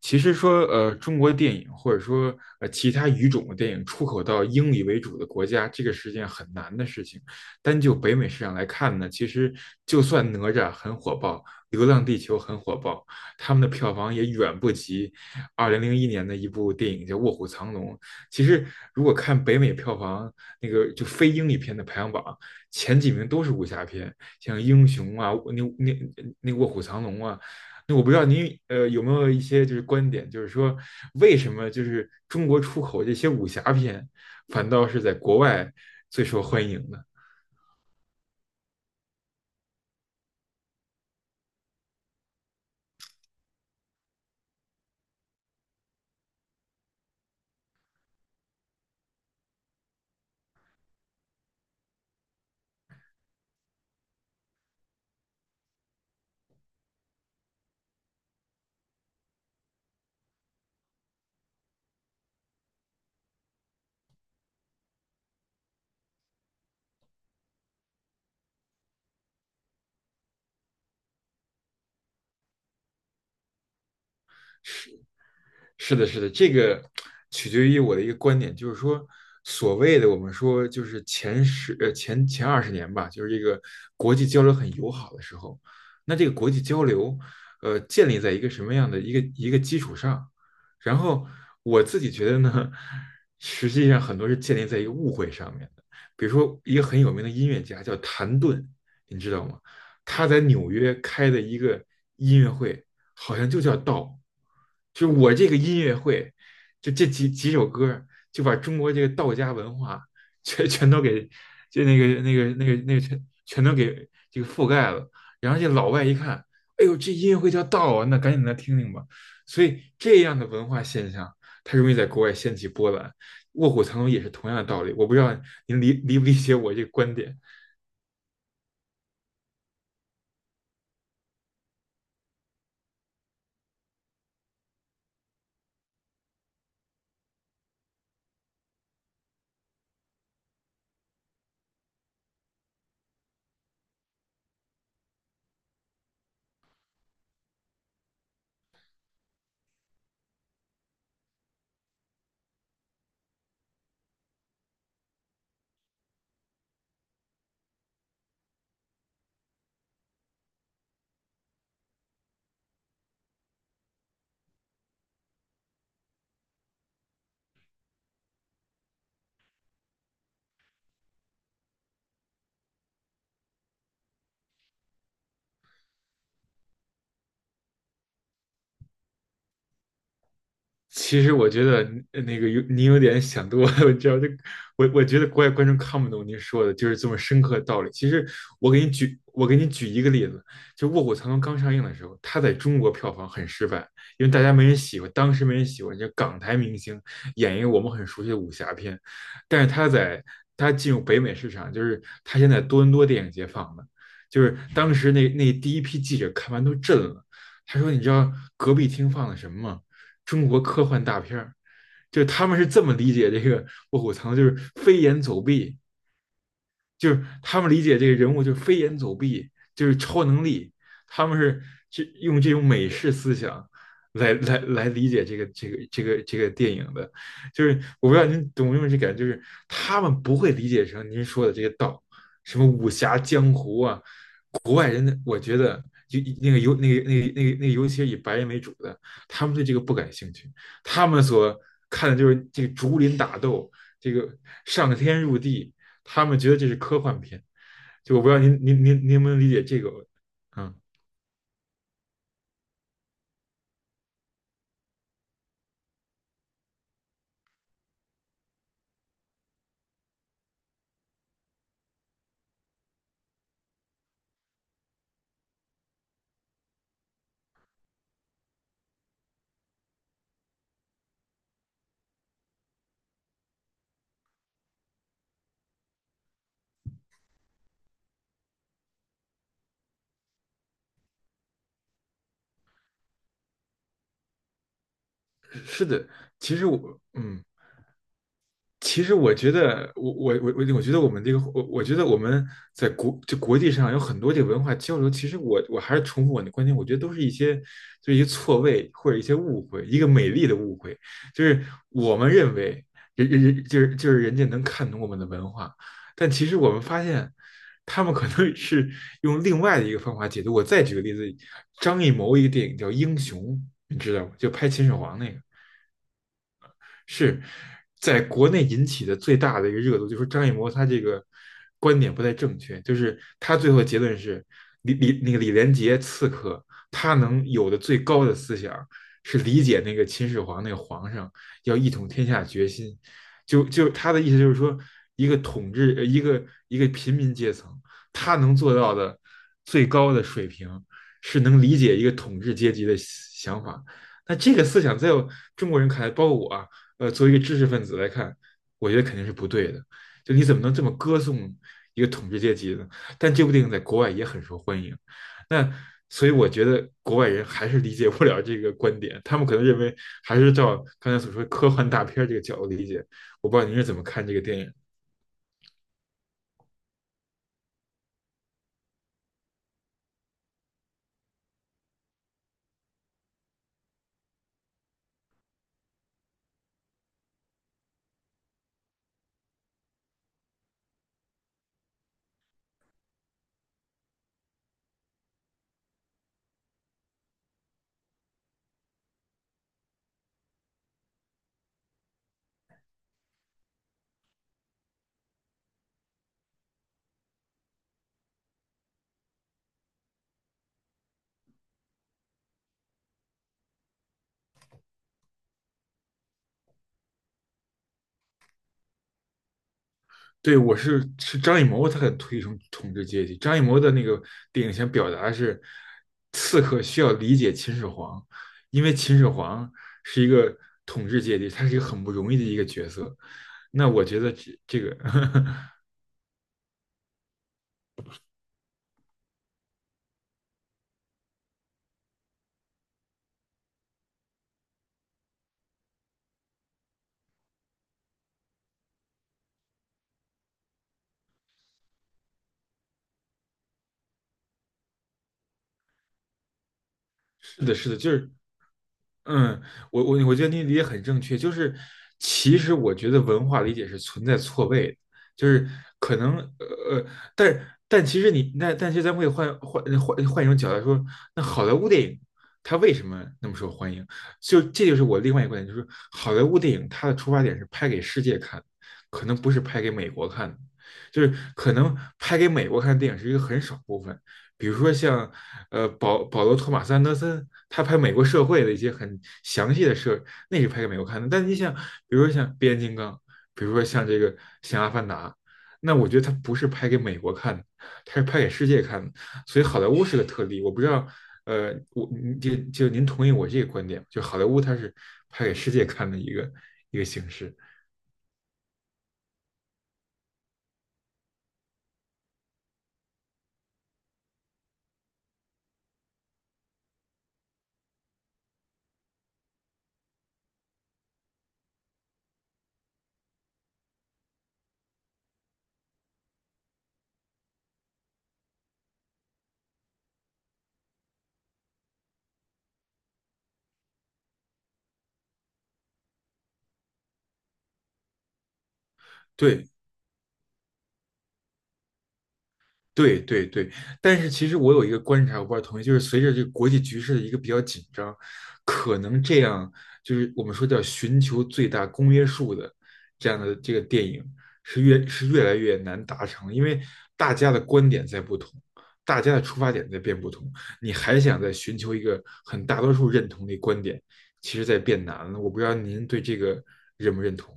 其实说，中国电影或者说其他语种的电影出口到英语为主的国家，这个是件很难的事情。单就北美市场来看呢，其实就算哪吒很火爆，流浪地球很火爆，他们的票房也远不及2001年的一部电影叫《卧虎藏龙》。其实如果看北美票房那个就非英语片的排行榜，前几名都是武侠片，像《英雄》啊，那《卧虎藏龙》啊，那我不知道您有没有一些就是观点，就是说为什么就是中国出口这些武侠片，反倒是在国外最受欢迎呢？是是的，是的，这个取决于我的一个观点，就是说，所谓的我们说就是前二十年吧，就是这个国际交流很友好的时候，那这个国际交流，建立在一个什么样的一个基础上？然后我自己觉得呢，实际上很多是建立在一个误会上面的，比如说一个很有名的音乐家叫谭盾，你知道吗？他在纽约开的一个音乐会，好像就叫《道》，就我这个音乐会，就这几首歌，就把中国这个道家文化 全全都给就那个那个那个那个全全都给这个覆盖了。然后这老外一看，哎呦，这音乐会叫道啊，那赶紧来听听吧。所以这样的文化现象，它容易在国外掀起波澜。卧虎藏龙也是同样的道理，我不知道您理不理解我这个观点。其实我觉得呃那个有你有点想多了，我知道这，我觉得国外观众看不懂您说的，就是这么深刻的道理。其实我给你举一个例子，就《卧虎藏龙》刚上映的时候，它在中国票房很失败，因为大家没人喜欢，当时没人喜欢，就港台明星演一个我们很熟悉的武侠片，但是它进入北美市场，就是它现在多伦多电影节放的，就是当时那第一批记者看完都震了，他说：“你知道隔壁厅放的什么吗？”中国科幻大片儿，就他们是这么理解这个《卧虎藏龙》，就是飞檐走壁，就是他们理解这个人物就是飞檐走壁，就是超能力，他们是用这种美式思想来理解这个电影的，就是我不知道您懂不？有这感觉，就是他们不会理解成您说的这个道，什么武侠江湖啊，国外人的我觉得。就那个尤那个那个那个那个，尤其是以白人为主的，他们对这个不感兴趣，他们所看的就是这个竹林打斗，这个上天入地，他们觉得这是科幻片。就我不知道您能不能理解这个？嗯，是的，其实我嗯，其实我觉得，我我我我我觉得我们这个，我我觉得我们就国际上有很多这个文化交流。其实我还是重复我的观点，我觉得都是一些一些错位或者一些误会，一个美丽的误会，就是我们认为人人人就是就是人家能看懂我们的文化，但其实我们发现他们可能是用另外的一个方法解读。我再举个例子，张艺谋一个电影叫《英雄》，你知道吗？就拍秦始皇那个。是在国内引起的最大的一个热度，就是张艺谋他这个观点不太正确，就是他最后结论是李李那个李连杰刺客，他能有的最高的思想是理解那个秦始皇那个皇上要一统天下决心，就他的意思就是说，一个统治一个平民阶层，他能做到的最高的水平是能理解一个统治阶级的想法。那这个思想在中国人看来，包括我啊，作为一个知识分子来看，我觉得肯定是不对的。就你怎么能这么歌颂一个统治阶级呢？但这部电影在国外也很受欢迎，那所以我觉得国外人还是理解不了这个观点，他们可能认为还是照刚才所说科幻大片这个角度理解。我不知道您是怎么看这个电影？对，我是张艺谋，他很推崇统治阶级。张艺谋的那个电影想表达是，刺客需要理解秦始皇，因为秦始皇是一个统治阶级，他是一个很不容易的一个角色。那我觉得这个 是的，是的，就是嗯，我觉得你理解很正确，就是其实我觉得文化理解是存在错位的，就是可能但但其实你那但是咱们可以换一种角度来说，那好莱坞电影它为什么那么受欢迎？就是我另外一个观点，就是好莱坞电影它的出发点是拍给世界看，可能不是拍给美国看的就是可能拍给美国看的电影是一个很少部分，比如说像保罗·托马斯·安德森，他拍美国社会的一些很详细的事，那是拍给美国看的。但你想，比如说像《变形金刚》，比如说像这个像《阿凡达》，那我觉得他不是拍给美国看的，他是拍给世界看的。所以好莱坞是个特例，我不知道，呃，我就就您同意我这个观点就好莱坞它是拍给世界看的一个形式。对，对对对，但是其实我有一个观察，我不知道同意，就是随着这个国际局势的一个比较紧张，可能这样就是我们说叫寻求最大公约数的这样的这个电影越来越难达成，因为大家的观点在不同，大家的出发点在变不同，你还想再寻求一个很大多数认同的观点，其实在变难了。我不知道您对这个认不认同？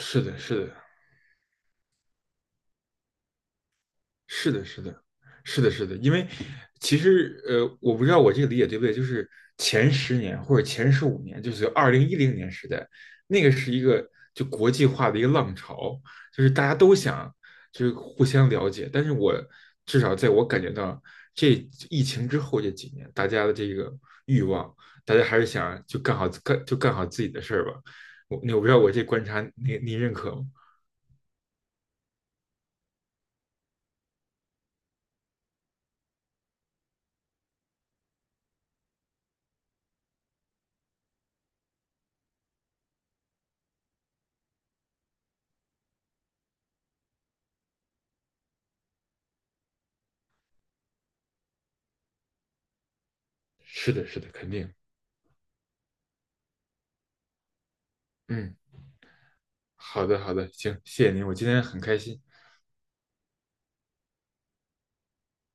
是的，是的。是的，是的，是的，是的，因为其实我不知道我这个理解对不对，就是前十年或者前15年，就是2010年时代，那个是一个就国际化的一个浪潮，就是大家都想就是互相了解，但是我至少在我感觉到这疫情之后这几年，大家的这个欲望，大家还是想就干好自己的事儿吧。我不知道我这观察你认可吗？是的，是的，肯定，嗯。好的，好的，行，谢谢您，我今天很开心。